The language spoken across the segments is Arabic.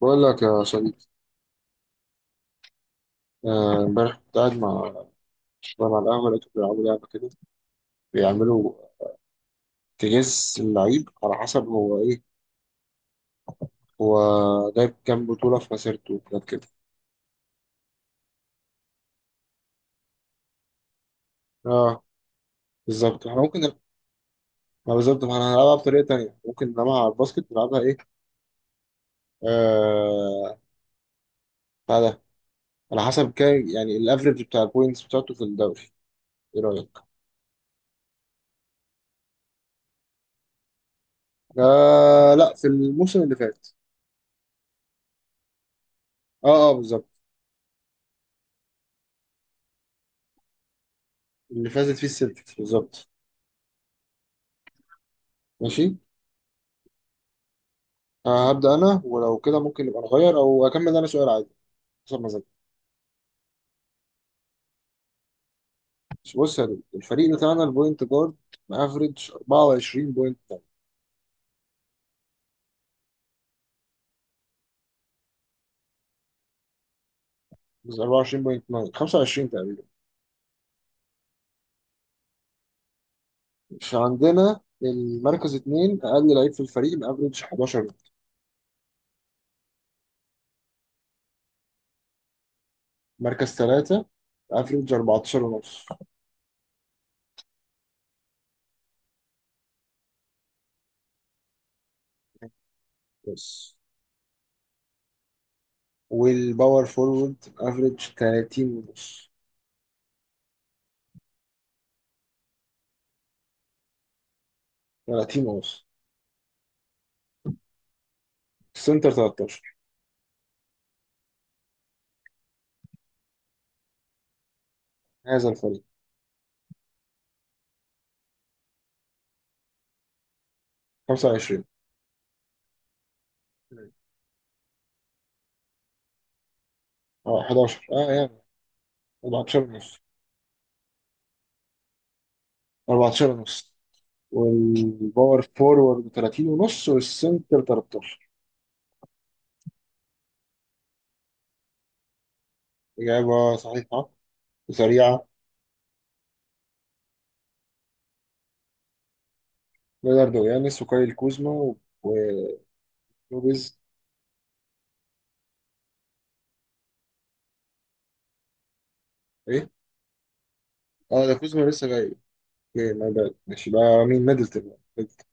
بقول لك يا صديقي. آه، امبارح كنت قاعد مع شباب على القهوة، لقيتهم بيلعبوا لعبة كده، بيعملوا تجهيز اللعيب على حسب هو ايه. هو جايب كام بطولة في مسيرته وكده كده. اه بالظبط، احنا ممكن نلعب. ما بالظبط، ما احنا هنلعبها بطريقة تانية، ممكن نلعبها على الباسكت، نلعبها ايه آه بتاع ده، على حسب كام يعني الافريج بتاع البوينتس بتاعته في الدوري. ايه رأيك؟ آه لا، في الموسم اللي فات. اه اه بالظبط. اللي فازت فيه السلتكس، بالظبط. ماشي. آه، هبدأ أنا، ولو كده ممكن نبقى نغير، أو أكمل أنا سؤال عادي حسب مزاجي. بص يا دود، الفريق بتاعنا البوينت جارد مافريج 24 بوينت. 24 بوينت 9، 25 تقريبا. مش عندنا، المركز اتنين أقل لعيب في الفريق مافريج 11. مركز تلاتة افريج 14 ونص بس. والباور فورورد افريج 30 ونص. 30 ونص. السنتر 13. هذا الفريق. 25. اه 11 اه يعني. 14 ونص. 14 ونص. والباور فورورد 30 ونص والسنتر 13. إجابة صحيحة وسريعة. ليوناردو يانس وكايل كوزما ولوبيز. إيه؟ آه ده كوزما لسه جاي. أوكي ما بقى، ماشي بقى، مين؟ ميدلتون ميدلتون.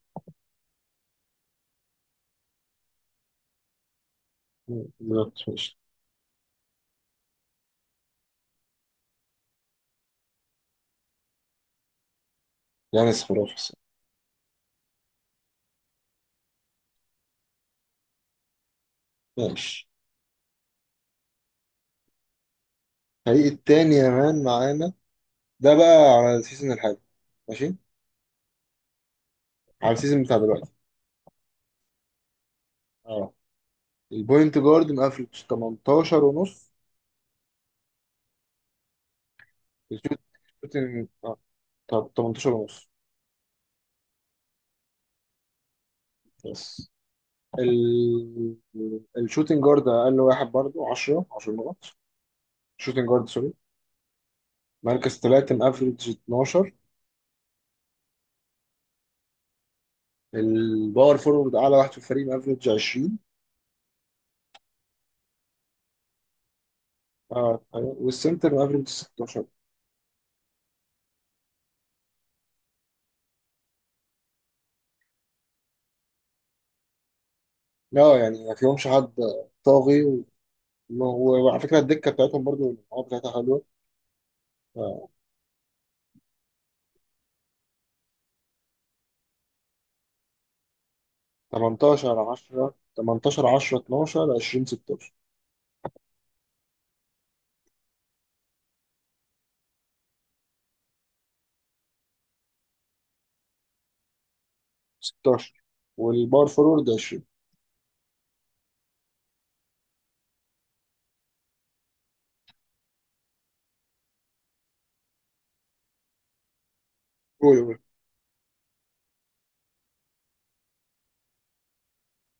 مم، بالظبط ماشي. يانس خرافي الصراحة. ماشي. الفريق التاني يا مان معانا، ده بقى على السيزون الحالي. ماشي. على السيزون بتاع دلوقتي. اه، البوينت جارد مقفل 18 ونص. الشوت- الشوتنج اه، طب 18 ونص بس. ال... الشوتنج جارد اقل واحد برضو 10 نقط. شوتنج جارد سوري. مركز ثلاثة مافريج 12. الباور فورورد اعلى واحد في الفريق مافريج 20. اه أيوة. والسنتر مافريج 16. لا يعني ما فيهمش حد طاغي وعلى فكره الدكه بتاعتهم برضو المجموعات بتاعتها حلوه. آه، 18 10 18 10 12 20 16. 16 والباور فورورد 20. قول قول.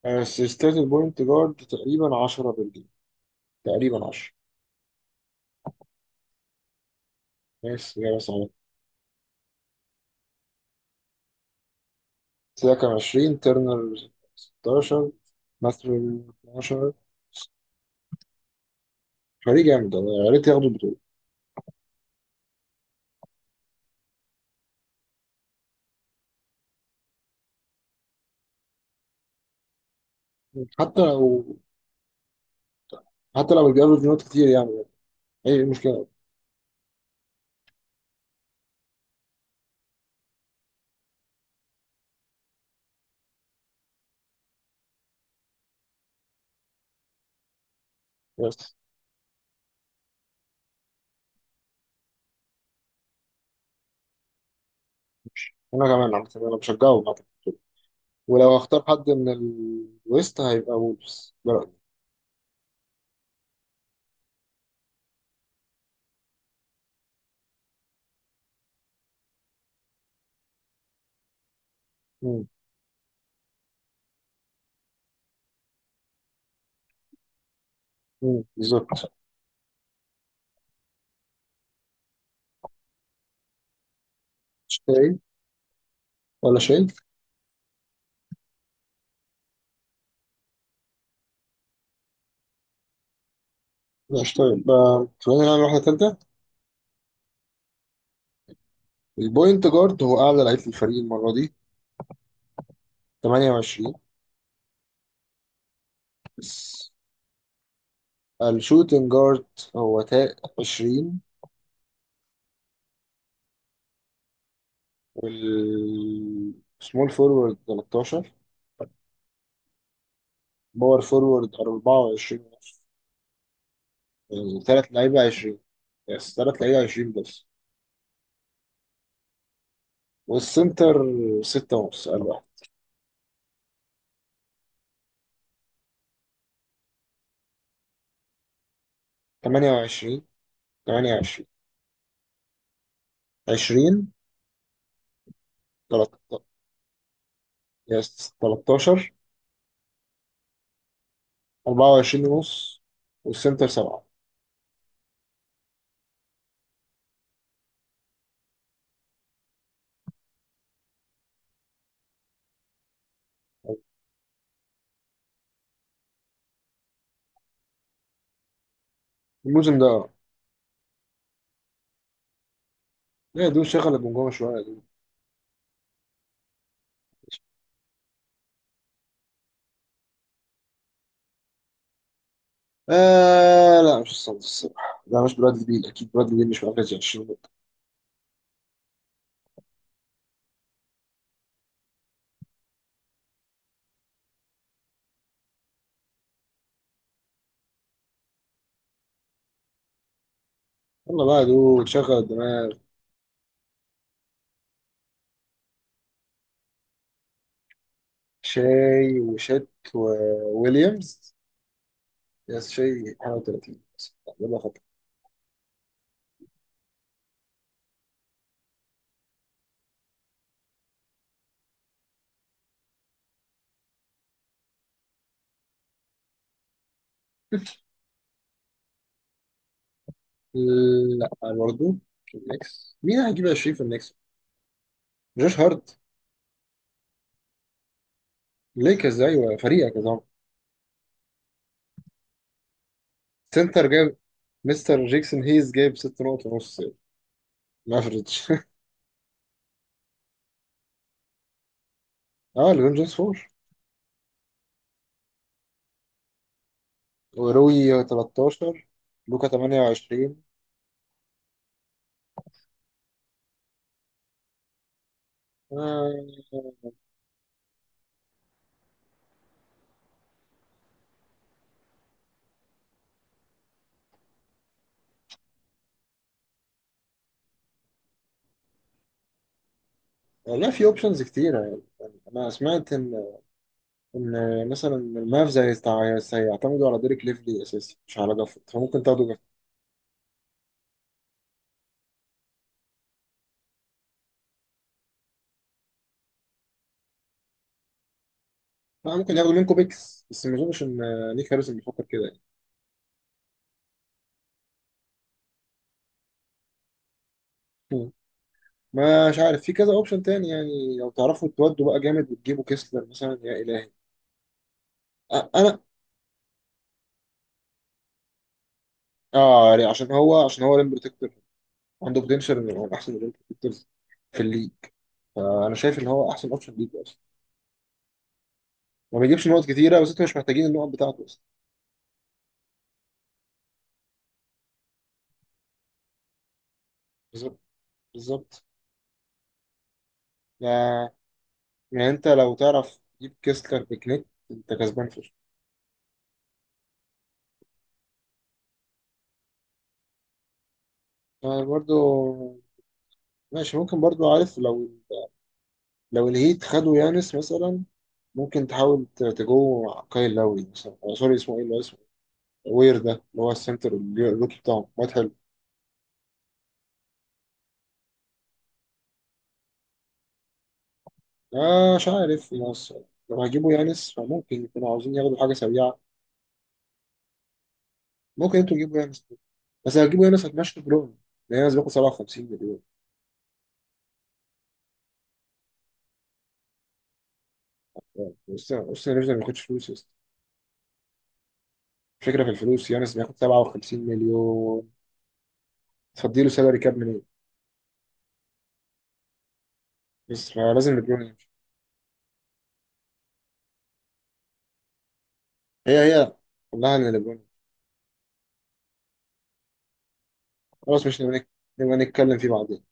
اسيستات البوينت جارد تقريبا 10 بالجيم، تقريبا 10. ماشي، إجابة صحيحة. سيدا كان 20، ترنر 16، ماستر 12. فريق جامد والله، يا ريت ياخدوا البطولة. حتى لو حتى لو اتجابوا بنقط كتير يعني أي مشكلة. بس أنا كمان عم أنا بشجعهم على البطولة. ولو هختار حد من الويست هيبقى وولفز، ده رأيي. مم. مم. بالظبط. شاي ولا شاي؟ لا شاي، خلينا نعمل واحدة تالتة. البوينت جارد هو أعلى لعيب في الفريق المرة دي، 28 بس. الشوتنج جارد هو تا 20. والسمول فورورد 13. باور فورورد 24 ونص. يعني تلات لعيبة 20. يس تلات لعيبة 20 بس. والسنتر 6 ونص، قال واحد. 28. 28 20 13. يس 13 24 ونص والسنتر 7. الموسم ده. لا دول شغل الجمجمة شوية يا دول. آه لا، مش الصندوق الصراحة، ده مش برادلي بيل، أكيد برادلي بيل مش مركز 20. يلا بقى يا دود، شغل الدماغ. شاي وشت وويليامز. يس شاي 31، يلا خطر. لا برضه. النكس مين هيجيب 20 في النكس؟ جوش هارت. ليكرز، ايوه فريقك يا زلمه. سنتر جاب، مستر جيكسون هيز جاب 6 نقط ونص مافريج. اه ليبرون جيمس 4، وروي 13، لوكا 28. آه والله في اوبشنز كتيرة يعني. انا سمعت ان مثلا المavs هيعتمدوا على ديريك ليفلي اساسي، مش على جافورد، فممكن تاخدوا جافورد. لا، ممكن ياخدوا منكم بيكس، بس ما اظنش ان نيك هاريسون بيفكر كده يعني. مم. مش عارف، في كذا اوبشن تاني، يعني لو تعرفوا تودوا بقى جامد وتجيبوا كيسلر مثلا، يا الهي. انا اه، يعني عشان هو ريم بروتكتور، عنده بوتنشال انه يبقى من احسن ريم بروتكتورز في الليج. فانا شايف ان هو احسن اوبشن ليك اصلا. ما بيجيبش نقط كتيره بس انتوا مش محتاجين النقط بتاعته اصلا. بالظبط بالظبط. يعني يعني انت لو تعرف تجيب كيسلر بكنيك انت كسبان فشخ. آه، برضو ماشي، ممكن برضو، عارف، لو لو الهيت خدوا يانس مثلا، ممكن تحاول تجو كايل لاوي مثلا، آه، سوري اسمه ايه اللي هو اسمه وير، ده اللي هو السنتر الروكي بتاعهم، واد حلو. آه مش عارف في مصر، لو هجيبوا يانس فممكن يكونوا عاوزين ياخدوا حاجة سريعة. ممكن انتوا تجيبوا يانس، بس لو هتجيبوا يانس هتمشوا برون، لان يانس بياخد 57 مليون. بس يانس ما بياخدش فلوس يا اسطى. الفكرة في الفلوس، يانس بياخد 57 مليون، تفضيله سالري كاب منين؟ بس فلازم ليبرون يمشي. هي كلها ان ليبرون. خلاص، مش نبقى نك- نبقى نتكلم فيه بعدين.